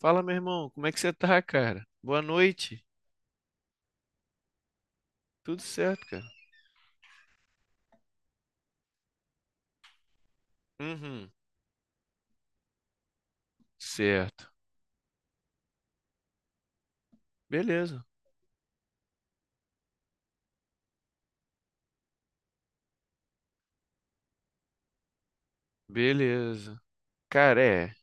Fala, meu irmão, como é que você tá, cara? Boa noite. Tudo certo, cara? Uhum, certo. Beleza, beleza. Cara, é.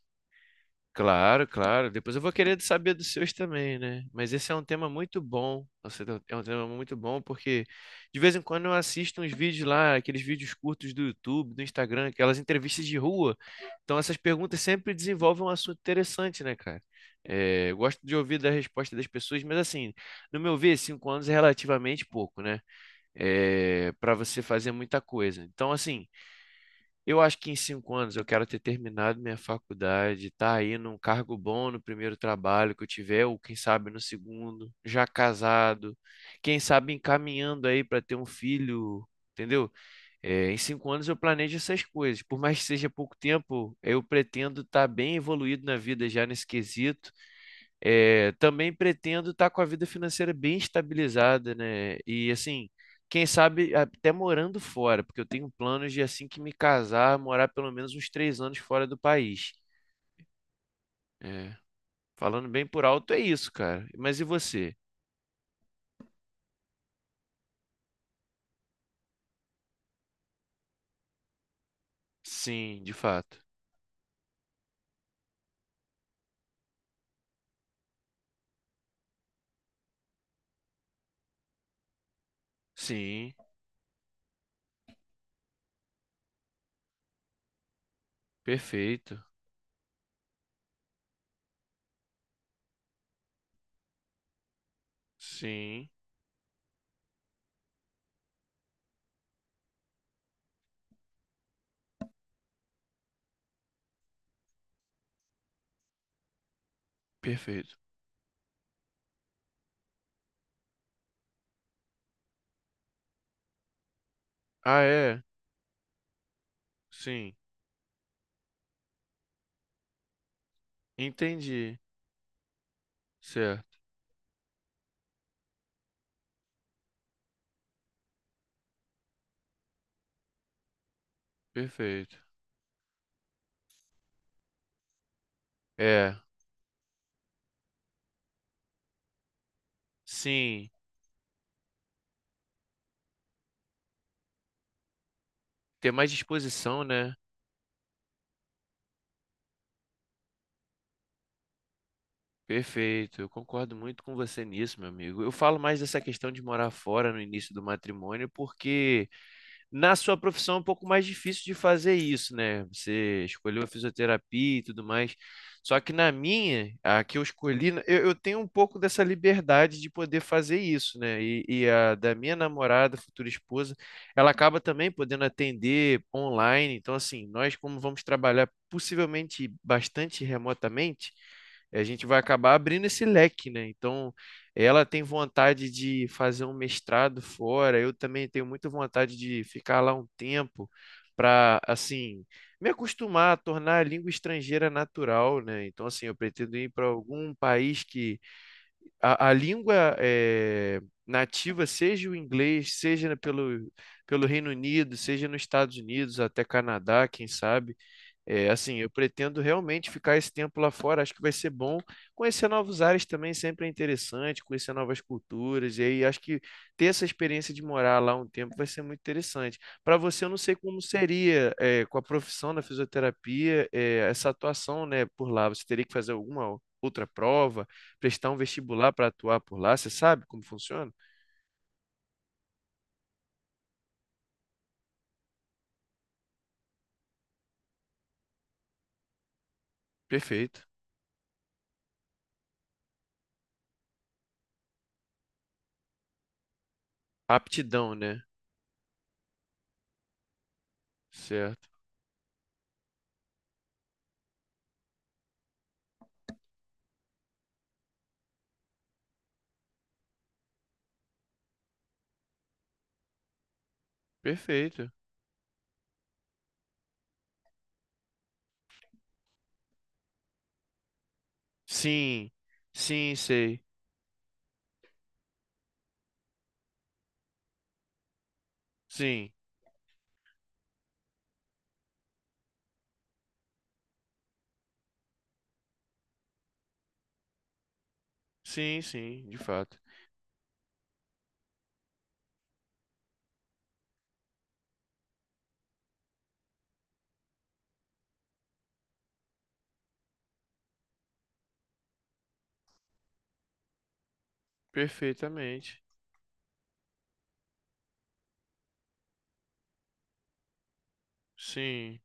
Claro, claro. Depois eu vou querer saber dos seus também, né? Mas esse é um tema muito bom. Nossa, é um tema muito bom porque de vez em quando eu assisto uns vídeos lá, aqueles vídeos curtos do YouTube, do Instagram, aquelas entrevistas de rua. Então essas perguntas sempre desenvolvem um assunto interessante, né, cara? É, eu gosto de ouvir da resposta das pessoas, mas assim, no meu ver, 5 anos é relativamente pouco, né? É, para você fazer muita coisa. Então, assim. Eu acho que em 5 anos eu quero ter terminado minha faculdade, tá aí num cargo bom no primeiro trabalho que eu tiver, ou quem sabe no segundo, já casado, quem sabe encaminhando aí para ter um filho, entendeu? É, em 5 anos eu planejo essas coisas. Por mais que seja pouco tempo, eu pretendo estar bem evoluído na vida já nesse quesito. É, também pretendo estar com a vida financeira bem estabilizada, né? E assim, quem sabe até morando fora, porque eu tenho planos de assim que me casar, morar pelo menos uns 3 anos fora do país. É, falando bem por alto, é isso, cara. Mas e você? Sim, de fato. Sim, perfeito. Sim, perfeito. Ah, é? Sim, entendi. Certo, perfeito. É, sim, ter mais disposição, né? Perfeito, eu concordo muito com você nisso, meu amigo. Eu falo mais dessa questão de morar fora no início do matrimônio, porque na sua profissão é um pouco mais difícil de fazer isso, né? Você escolheu a fisioterapia e tudo mais. Só que na minha, a que eu escolhi, eu tenho um pouco dessa liberdade de poder fazer isso, né? E a da minha namorada, futura esposa, ela acaba também podendo atender online. Então, assim, nós, como vamos trabalhar possivelmente bastante remotamente, a gente vai acabar abrindo esse leque, né? Então. Ela tem vontade de fazer um mestrado fora. Eu também tenho muita vontade de ficar lá um tempo para, assim, me acostumar a tornar a língua estrangeira natural, né? Então, assim, eu pretendo ir para algum país que a língua nativa seja o inglês, seja pelo Reino Unido, seja nos Estados Unidos, até Canadá, quem sabe. É, assim, eu pretendo realmente ficar esse tempo lá fora, acho que vai ser bom. Conhecer novos ares também sempre é interessante, conhecer novas culturas, e aí acho que ter essa experiência de morar lá um tempo vai ser muito interessante. Para você, eu não sei como seria, é, com a profissão da fisioterapia, é, essa atuação, né, por lá. Você teria que fazer alguma outra prova, prestar um vestibular para atuar por lá, você sabe como funciona? Perfeito. Aptidão, né? Certo. Perfeito. Sim, sim, sei. Sim. Sim, sim, de fato. Perfeitamente. Sim,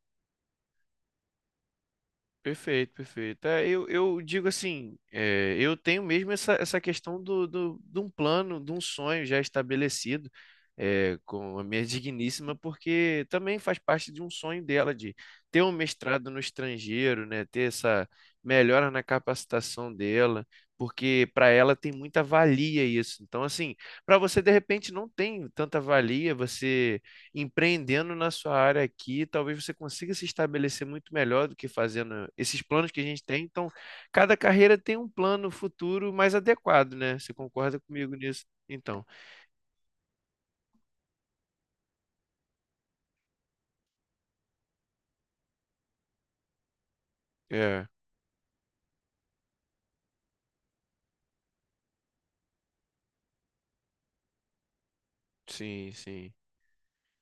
perfeito, perfeito. É, eu digo assim, é, eu tenho mesmo essa questão de um plano, de um sonho já estabelecido é, com a minha digníssima, porque também faz parte de um sonho dela de ter um mestrado no estrangeiro, né, ter essa melhora na capacitação dela, porque para ela tem muita valia isso. Então, assim, para você de repente não tem tanta valia, você empreendendo na sua área aqui, talvez você consiga se estabelecer muito melhor do que fazendo esses planos que a gente tem. Então, cada carreira tem um plano futuro mais adequado, né? Você concorda comigo nisso? Então, é, sim, sim.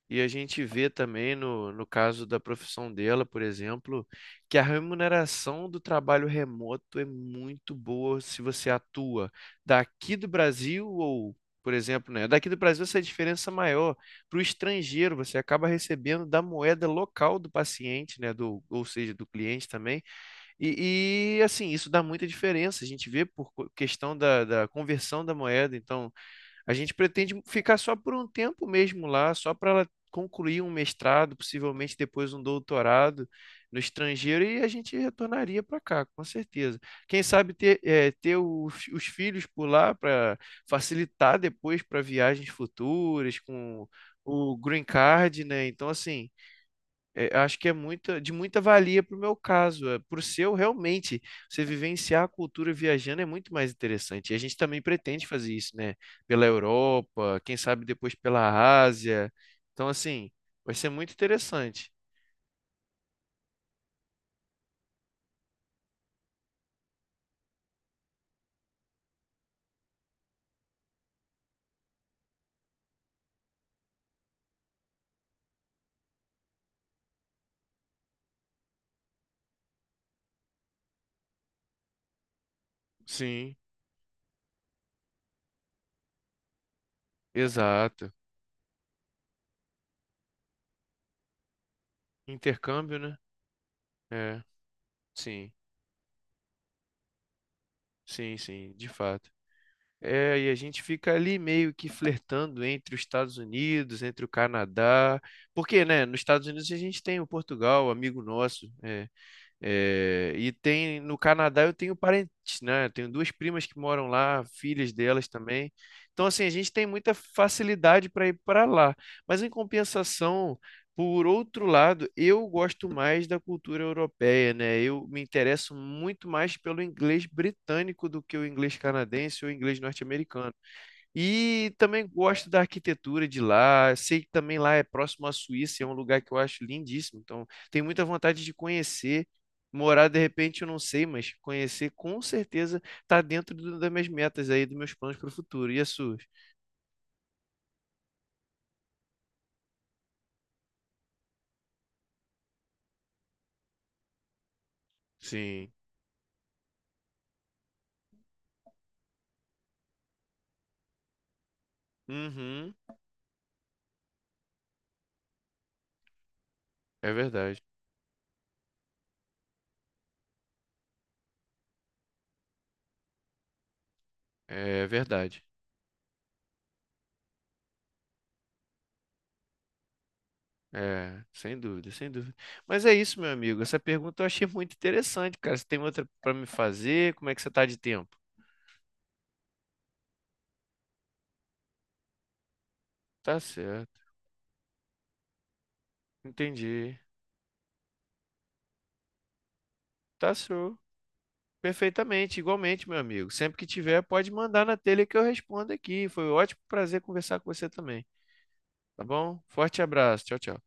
E a gente vê também, no caso da profissão dela, por exemplo, que a remuneração do trabalho remoto é muito boa se você atua daqui do Brasil ou, por exemplo, né, daqui do Brasil essa é a diferença é maior. Para o estrangeiro, você acaba recebendo da moeda local do paciente, né, do, ou seja, do cliente também. E assim, isso dá muita diferença. A gente vê questão da conversão da moeda. Então, a gente pretende ficar só por um tempo mesmo lá, só para ela concluir um mestrado, possivelmente depois um doutorado no estrangeiro, e a gente retornaria para cá, com certeza. Quem sabe ter, ter os filhos por lá para facilitar depois para viagens futuras com o Green Card, né? Então, assim é, eu acho que é de muita valia para o meu caso. É, para o seu, realmente, você vivenciar a cultura viajando é muito mais interessante. E a gente também pretende fazer isso, né? Pela Europa, quem sabe depois pela Ásia. Então, assim, vai ser muito interessante. Sim, exato. Intercâmbio, né? É, sim, sim, sim, de fato. É, e a gente fica ali meio que flertando entre os Estados Unidos, entre o Canadá, porque, né, nos Estados Unidos a gente tem o Portugal, amigo nosso, É, e tem no Canadá eu tenho parentes, né? Eu tenho duas primas que moram lá, filhas delas também. Então, assim, a gente tem muita facilidade para ir para lá. Mas em compensação, por outro lado, eu gosto mais da cultura europeia, né? Eu me interesso muito mais pelo inglês britânico do que o inglês canadense ou inglês norte-americano. E também gosto da arquitetura de lá. Sei que também lá é próximo à Suíça, é um lugar que eu acho lindíssimo. Então, tenho muita vontade de conhecer. Morar, de repente, eu não sei, mas conhecer com certeza está dentro das minhas metas aí, dos meus planos para o futuro. E as suas? Sim. Uhum. É verdade. É verdade. É, sem dúvida, sem dúvida. Mas é isso, meu amigo. Essa pergunta eu achei muito interessante, cara. Você tem outra para me fazer? Como é que você tá de tempo? Tá certo. Entendi. Tá show. Perfeitamente, igualmente, meu amigo. Sempre que tiver, pode mandar na telha que eu respondo aqui. Foi um ótimo prazer conversar com você também. Tá bom? Forte abraço. Tchau, tchau.